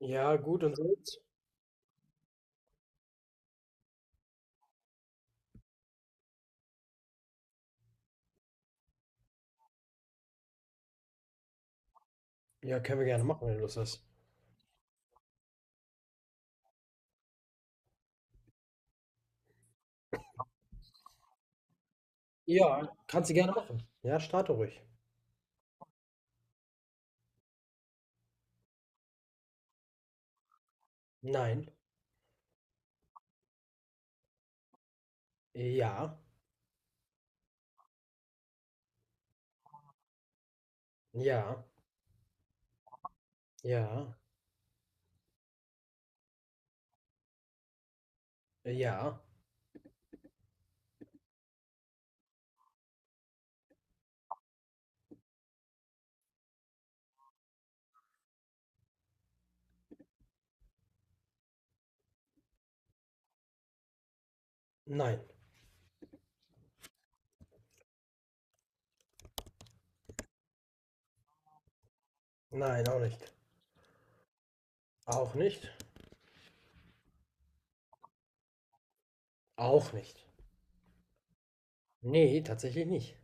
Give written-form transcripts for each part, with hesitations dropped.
Ja, gut und sonst? Ja, können wir gerne machen, wenn du Lust hast. Ja, kannst du gerne machen. Ja, starte ruhig. Nein. Ja. Ja. Ja. Ja. Nein. Nein, auch nicht. Auch nicht? Auch nicht. Nee, tatsächlich nicht.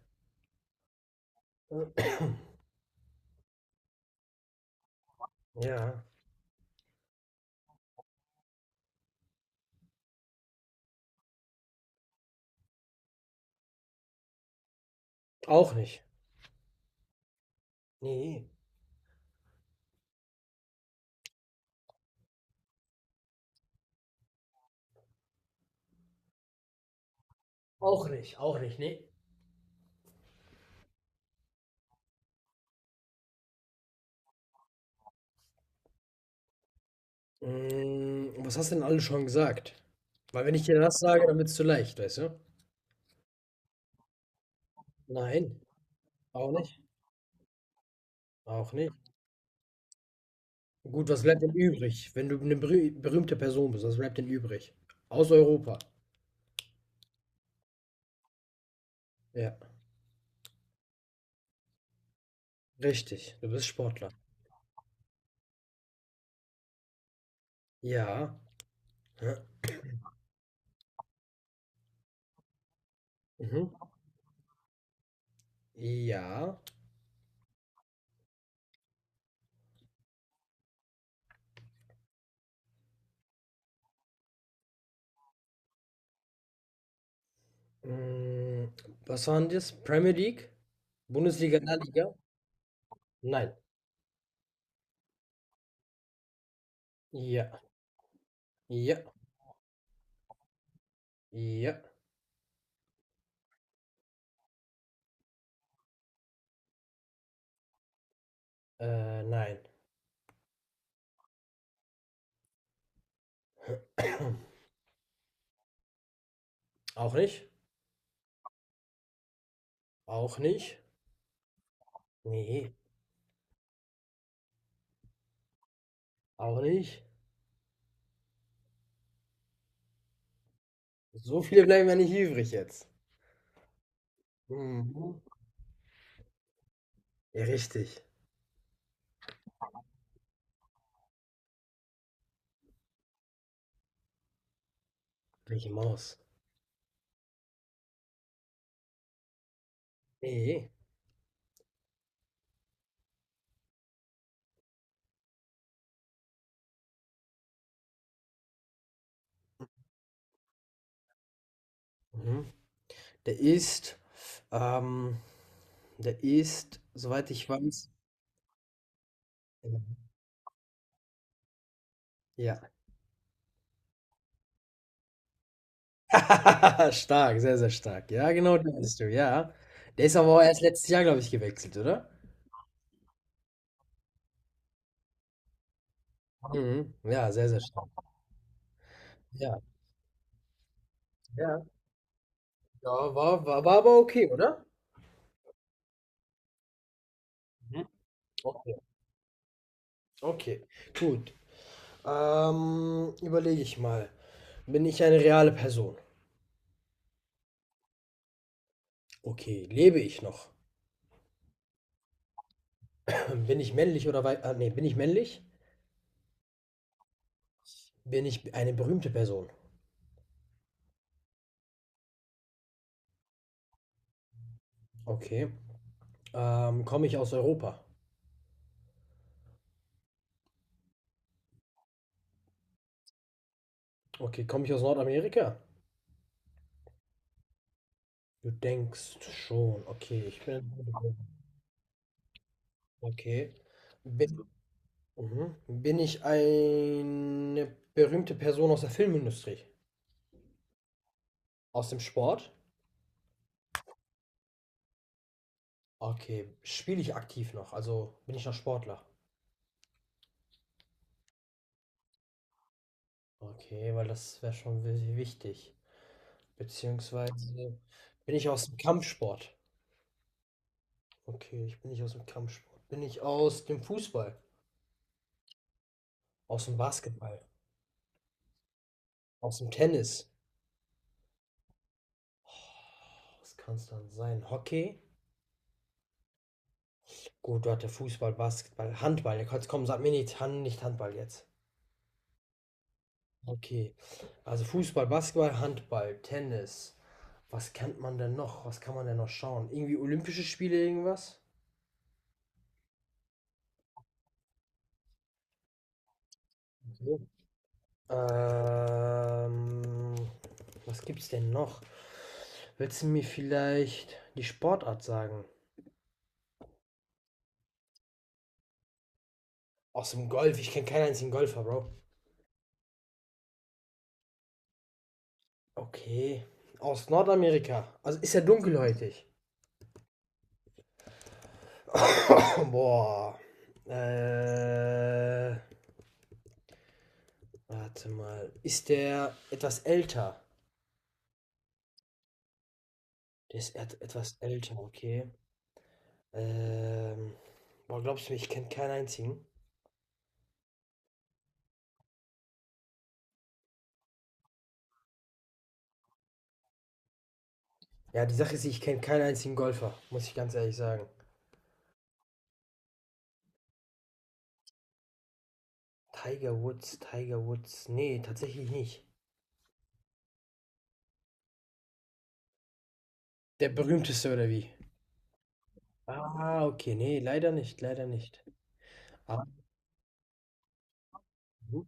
Ja. Auch nicht. Nee. Auch nicht. Auch nicht. Nee. Mm, was hast du denn alles schon gesagt? Weil wenn ich dir das sage, dann wird's zu leicht, weißt du? Nein. Auch nicht. Auch nicht. Gut, was bleibt denn übrig, wenn du eine berühmte Person bist? Was bleibt denn übrig? Aus Europa. Ja, richtig. Du bist Sportler. Ja. Hä? Mhm. Ja. Hm, was waren das? Premier League? Bundesliga, La Liga? Nein. Ja. Ja. Ja. Nein. Auch nicht. Auch nicht. Ne, auch nicht. So viele bleiben ja nicht übrig jetzt. Mhm. Ja, richtig. Micky Maus. Ne. Mhm. Der ist, ähm der ist, soweit ich weiß, ja. Stark, sehr, sehr stark. Ja, genau, den bist du, ja. Der ist aber auch erst letztes Jahr, glaube ich, gewechselt, oder? Mhm. Ja, sehr, sehr stark. Ja, ja. Ja, war aber okay, oder? Mhm. Okay, okay, gut. Überlege ich mal. Bin ich eine reale Person? Okay, lebe ich noch? Bin ich männlich oder weiblich? Ah, ne, bin ich männlich? Bin ich eine berühmte Person? Okay. Komme ich aus Europa? Okay, komme ich aus Nordamerika? Du denkst schon. Okay, ich bin. Okay. Bin, mhm. Bin ich eine berühmte Person aus der Filmindustrie? Aus dem Sport? Okay, spiele ich aktiv noch? Also bin ich noch Sportler? Okay, weil das wäre schon wichtig. Beziehungsweise bin ich aus dem Kampfsport? Okay, ich bin nicht aus dem Kampfsport. Bin ich aus dem Fußball? Aus dem Basketball? Aus dem Tennis? Was kann es dann sein? Hockey? Gut, du hatte Fußball, Basketball, Handball. Jetzt komm, sag mir nicht, Hand, nicht Handball jetzt. Okay. Also Fußball, Basketball, Handball, Tennis. Was kennt man denn noch? Was kann man denn noch schauen? Irgendwie Olympische Spiele, irgendwas? So. Ähm, Was gibt's denn noch? Willst du mir vielleicht die Sportart sagen? Aus dem Golf. Ich kenne keinen einzigen Golfer, Bro. Okay. Aus Nordamerika. Also ist ja dunkelhäutig. Boah. Äh, Warte mal. Ist der etwas älter? Der ist et etwas älter, okay. Ähm, Boah, glaubst du mir, ich kenne keinen einzigen? Ja, die Sache ist, ich kenne keinen einzigen Golfer, muss ich ganz ehrlich sagen. Tiger Woods, Tiger Woods. Nee, tatsächlich nicht. Der berühmteste oder wie? Ah, okay. Nee, leider nicht, leider nicht. Ah, mhm,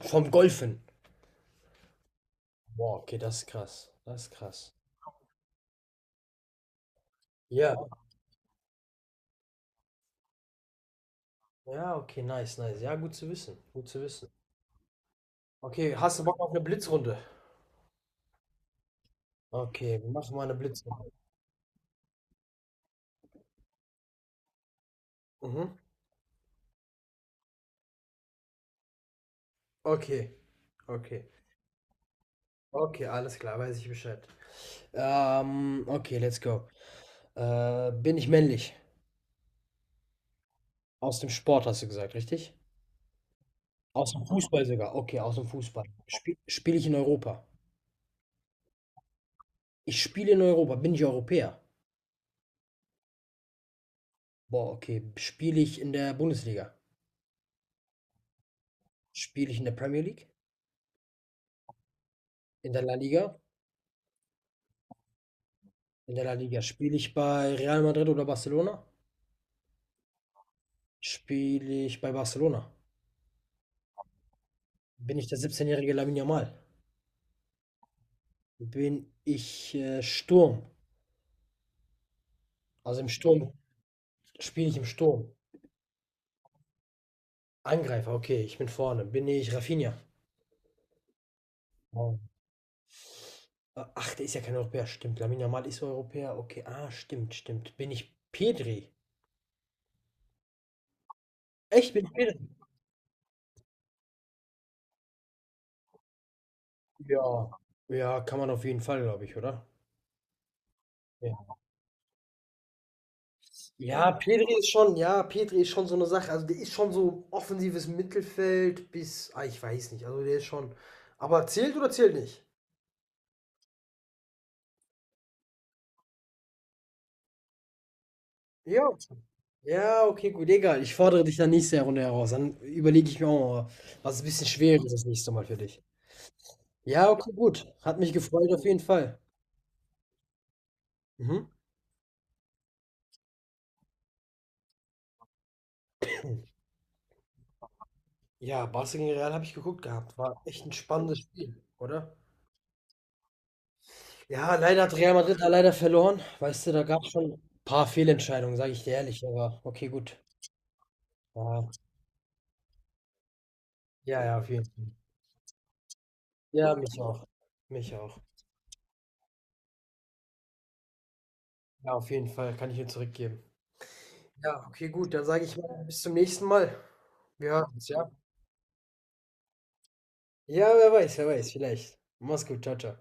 vom Golfen. Boah, okay, das ist krass. Das ist krass. Ja. Ja, okay, nice, nice. Ja, gut zu wissen. Gut zu wissen. Okay, hast du Bock auf eine Blitzrunde? Okay, wir machen mal eine Blitzrunde. Mhm. Okay, okay. Okay, alles klar, weiß ich Bescheid. Okay, let's go. Bin ich männlich? Aus dem Sport hast du gesagt, richtig? Aus dem Fußball sogar. Okay, aus dem Fußball. Spiele ich in Europa? Ich spiele in Europa. Bin ich Europäer? Boah, okay. Spiele ich in der Bundesliga? Spiele ich in der Premier League? In der La Liga? In der La Liga. Spiele ich bei Real Madrid oder Barcelona? Spiele ich bei Barcelona? Bin ich der 17-jährige Lamine Yamal? Bin ich Sturm. Also im Sturm, spiele ich im Sturm. Angreifer, okay, ich bin vorne. Bin ich Rafinha? Wow. Ach, der ist ja kein Europäer. Stimmt, Lamine Yamal ist Europäer. Okay, ah, stimmt, stimmt. Bin ich Pedri? Echt, bin ich Pedri? Ja. Ja, kann man auf jeden Fall, glaube ich, oder? Ja. Ja, Pedri ist schon so eine Sache. Also der ist schon so offensives Mittelfeld bis, ah, ich weiß nicht. Also der ist schon. Aber zählt oder zählt nicht? Ja, okay. Ja, okay, gut, egal. Ich fordere dich dann nächste Runde heraus. Dann überlege ich mir auch mal, was ein bisschen schwerer ist das nächste Mal für dich. Ja, okay, gut. Hat mich gefreut auf jeden Fall. Mhm. Ja, Barca gegen Real habe ich geguckt gehabt. War echt ein spannendes Spiel, oder? Ja, leider hat Real Madrid da leider verloren. Weißt du, da gab es schon ein paar Fehlentscheidungen, sage ich dir ehrlich. Aber okay, gut. Ja, ja, ja, auf jeden Fall. Ja, mich auch. Mich auch. Ja, auf jeden Fall. Kann ich dir zurückgeben. Ja, okay, gut. Dann sage ich mal, bis zum nächsten Mal. Wir hören uns, ja. Ja, wer weiß, vielleicht. Mach's gut, ciao, ciao.